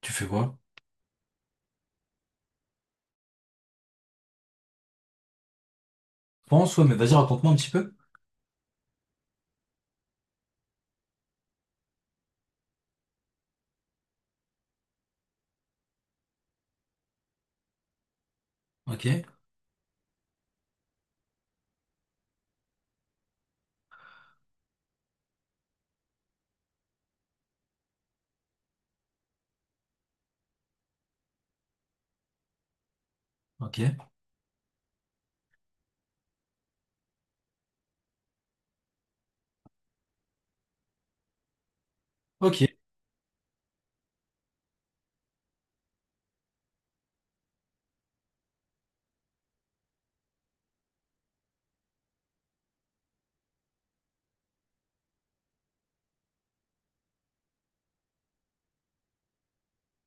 Tu fais quoi? Je pense, ouais, mais vas-y, raconte-moi un petit peu. Ok, ok, ok,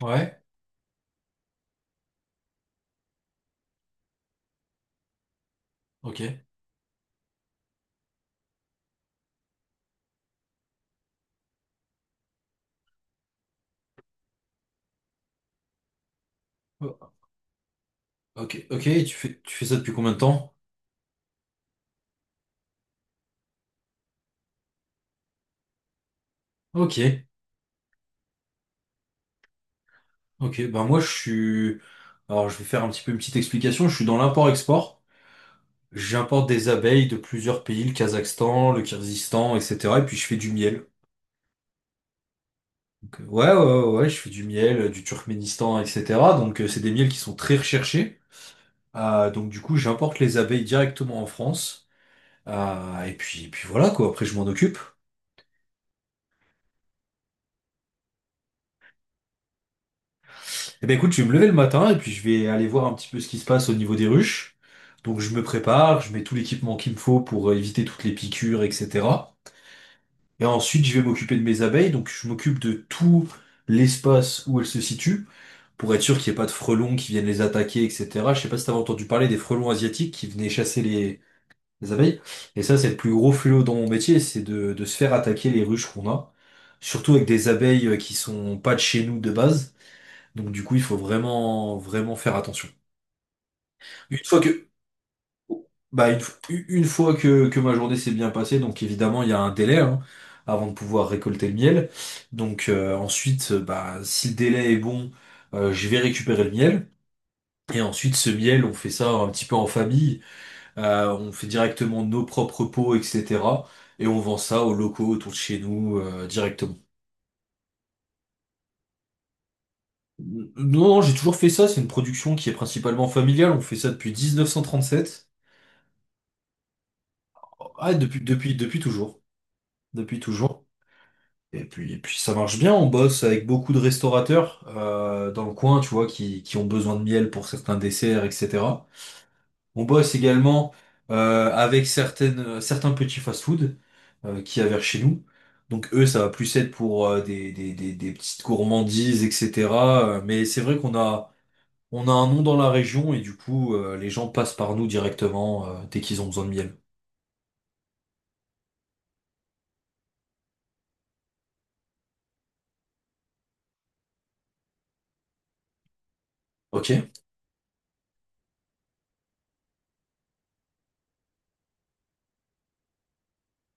ouais, ok, O- ok, ok, et tu fais ça depuis combien de temps? Ok, ok, ben moi je suis... Alors je vais faire un petit peu une petite explication, je suis dans l'import-export. J'importe des abeilles de plusieurs pays, le Kazakhstan, le Kyrgyzstan, etc. Et puis je fais du miel. Donc, ouais, ouais, ouais, ouais, je fais du miel, du Turkménistan, etc. Donc c'est des miels qui sont très recherchés. Ah, donc du coup j'importe les abeilles directement en France. Ah, et puis voilà quoi, après je m'en occupe. Eh ben écoute, je vais me lever le matin et puis je vais aller voir un petit peu ce qui se passe au niveau des ruches. Donc je me prépare, je mets tout l'équipement qu'il me faut pour éviter toutes les piqûres, etc. Et ensuite je vais m'occuper de mes abeilles, donc je m'occupe de tout l'espace où elles se situent, pour être sûr qu'il n'y ait pas de frelons qui viennent les attaquer, etc. Je sais pas si t'avais entendu parler des frelons asiatiques qui venaient chasser les abeilles. Et ça, c'est le plus gros fléau dans mon métier, c'est de se faire attaquer les ruches qu'on a. Surtout avec des abeilles qui sont pas de chez nous de base. Donc du coup, il faut vraiment, vraiment faire attention. Une fois que, une fois que ma journée s'est bien passée, donc évidemment, il y a un délai, hein, avant de pouvoir récolter le miel. Donc ensuite, bah, si le délai est bon, je vais récupérer le miel. Et ensuite, ce miel, on fait ça un petit peu en famille. On fait directement nos propres pots, etc. Et on vend ça aux locaux autour de chez nous directement. Non, non, j'ai toujours fait ça. C'est une production qui est principalement familiale. On fait ça depuis 1937. Ah, depuis toujours. Depuis toujours. Et puis ça marche bien. On bosse avec beaucoup de restaurateurs dans le coin, tu vois, qui ont besoin de miel pour certains desserts, etc. On bosse également avec certains petits fast-food qu'il y a vers chez nous. Donc eux, ça va plus être pour des petites gourmandises, etc. Mais c'est vrai qu'on a un nom dans la région et du coup, les gens passent par nous directement dès qu'ils ont besoin de miel. Ok,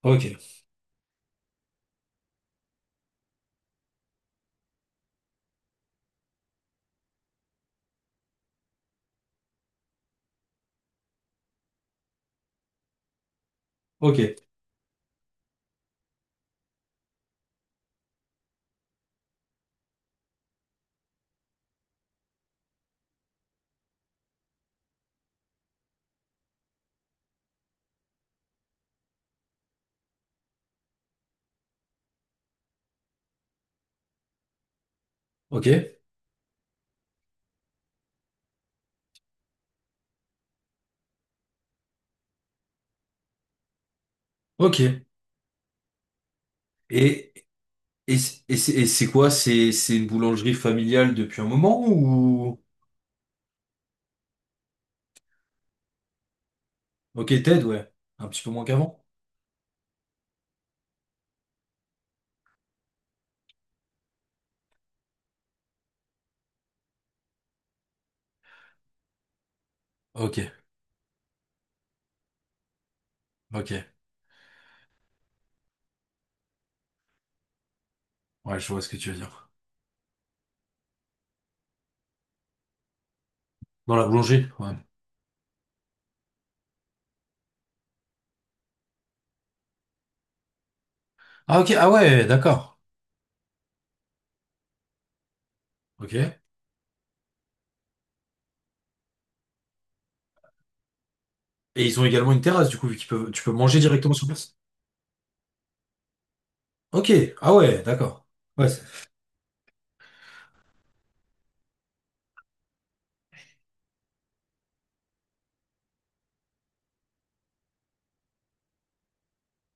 ok, ok, ok, ok. Et, et c'est quoi? C'est une boulangerie familiale depuis un moment ou... Ok, Ted, ouais. Un petit peu moins qu'avant. Ok, ok. Ouais, je vois ce que tu veux dire. Dans la boulangerie, ouais. Ah ok, ah ouais, d'accord. Ok. Et ils ont également une terrasse, du coup, vu qu'ils peuvent, tu peux manger directement sur place. Ok, ah ouais, d'accord. Ouais,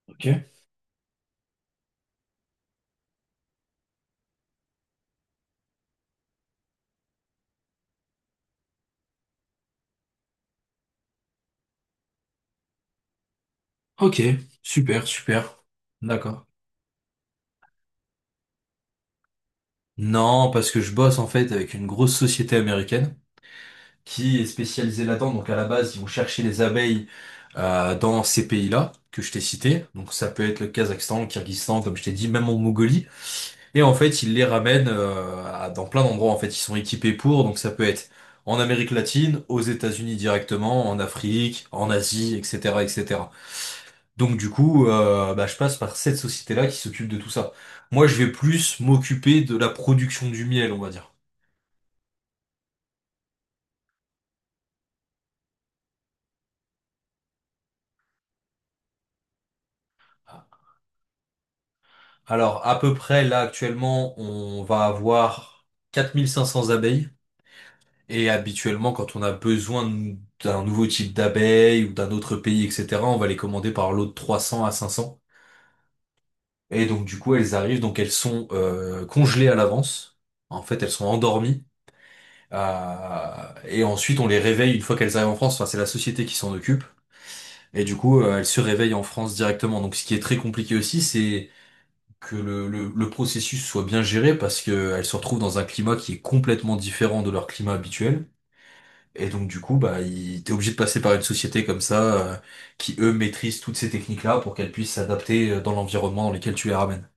ok. Ok, super, super. D'accord. Non, parce que je bosse en fait avec une grosse société américaine qui est spécialisée là-dedans. Donc à la base, ils vont chercher les abeilles dans ces pays-là que je t'ai cités. Donc ça peut être le Kazakhstan, le Kyrgyzstan, comme je t'ai dit, même en Mongolie. Et en fait, ils les ramènent dans plein d'endroits. En fait, ils sont équipés pour. Donc ça peut être en Amérique latine, aux États-Unis directement, en Afrique, en Asie, etc., etc. Donc du coup, bah, je passe par cette société-là qui s'occupe de tout ça. Moi, je vais plus m'occuper de la production du miel, on va dire. Alors, à peu près, là, actuellement, on va avoir 4500 abeilles. Et habituellement, quand on a besoin d'un nouveau type d'abeille ou d'un autre pays, etc., on va les commander par lot de 300 à 500. Et donc du coup elles arrivent, donc elles sont congelées à l'avance. En fait elles sont endormies. Et ensuite on les réveille une fois qu'elles arrivent en France. Enfin c'est la société qui s'en occupe. Et du coup elles se réveillent en France directement. Donc ce qui est très compliqué aussi c'est que le processus soit bien géré parce que elles se retrouvent dans un climat qui est complètement différent de leur climat habituel. Et donc du coup bah t'es obligé de passer par une société comme ça qui eux maîtrisent toutes ces techniques-là pour qu'elles puissent s'adapter dans l'environnement dans lequel tu les ramènes.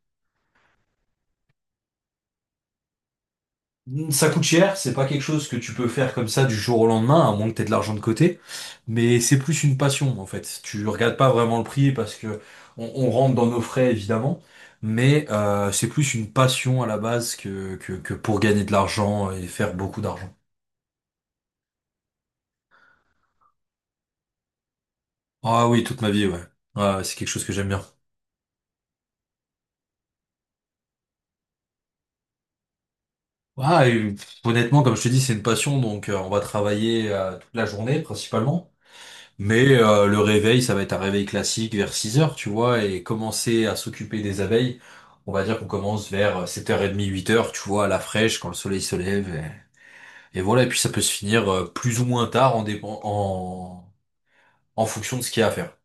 Ça coûte cher, c'est pas quelque chose que tu peux faire comme ça du jour au lendemain, à moins que t'aies de l'argent de côté, mais c'est plus une passion en fait. Tu regardes pas vraiment le prix parce que on rentre dans nos frais évidemment, mais c'est plus une passion à la base que pour gagner de l'argent et faire beaucoup d'argent. Ah oui, toute ma vie, ouais. Ouais, ouais, c'est quelque chose que j'aime bien. Ouais, et, pff, honnêtement, comme je te dis, c'est une passion, donc on va travailler toute la journée principalement. Mais le réveil, ça va être un réveil classique vers 6 heures, tu vois, et commencer à s'occuper des abeilles, on va dire qu'on commence vers 7h30, 8 heures, tu vois, à la fraîche, quand le soleil se lève. Et voilà, et puis ça peut se finir plus ou moins tard en fonction de ce qu'il y a à faire.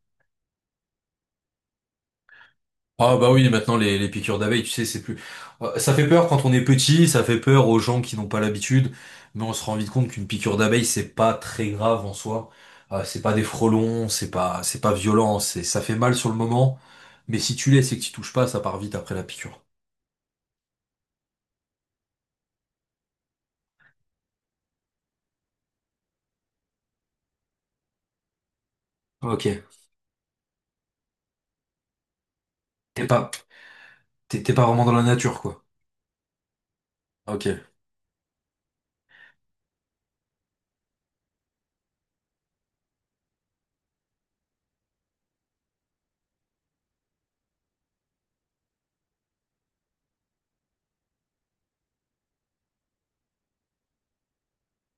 Ah bah oui, maintenant les piqûres d'abeilles, tu sais, c'est plus... Ça fait peur quand on est petit, ça fait peur aux gens qui n'ont pas l'habitude, mais on se rend vite compte qu'une piqûre d'abeille, c'est pas très grave en soi. C'est pas des frelons, c'est pas violent, ça fait mal sur le moment, mais si tu laisses et que tu touches pas, ça part vite après la piqûre. Ok. T'es pas, t'es pas vraiment dans la nature, quoi. Ok.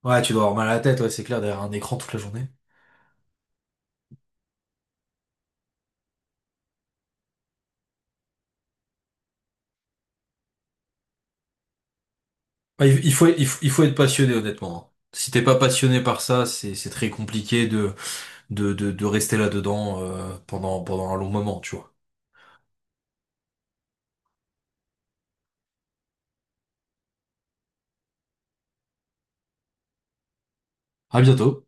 Ouais, tu dois avoir mal à la tête, ouais, c'est clair, derrière un écran toute la journée. Ouais, il faut être passionné, honnêtement, hein. Si t'es pas passionné par ça, c'est très compliqué de, rester là-dedans pendant un long moment, tu vois. À bientôt.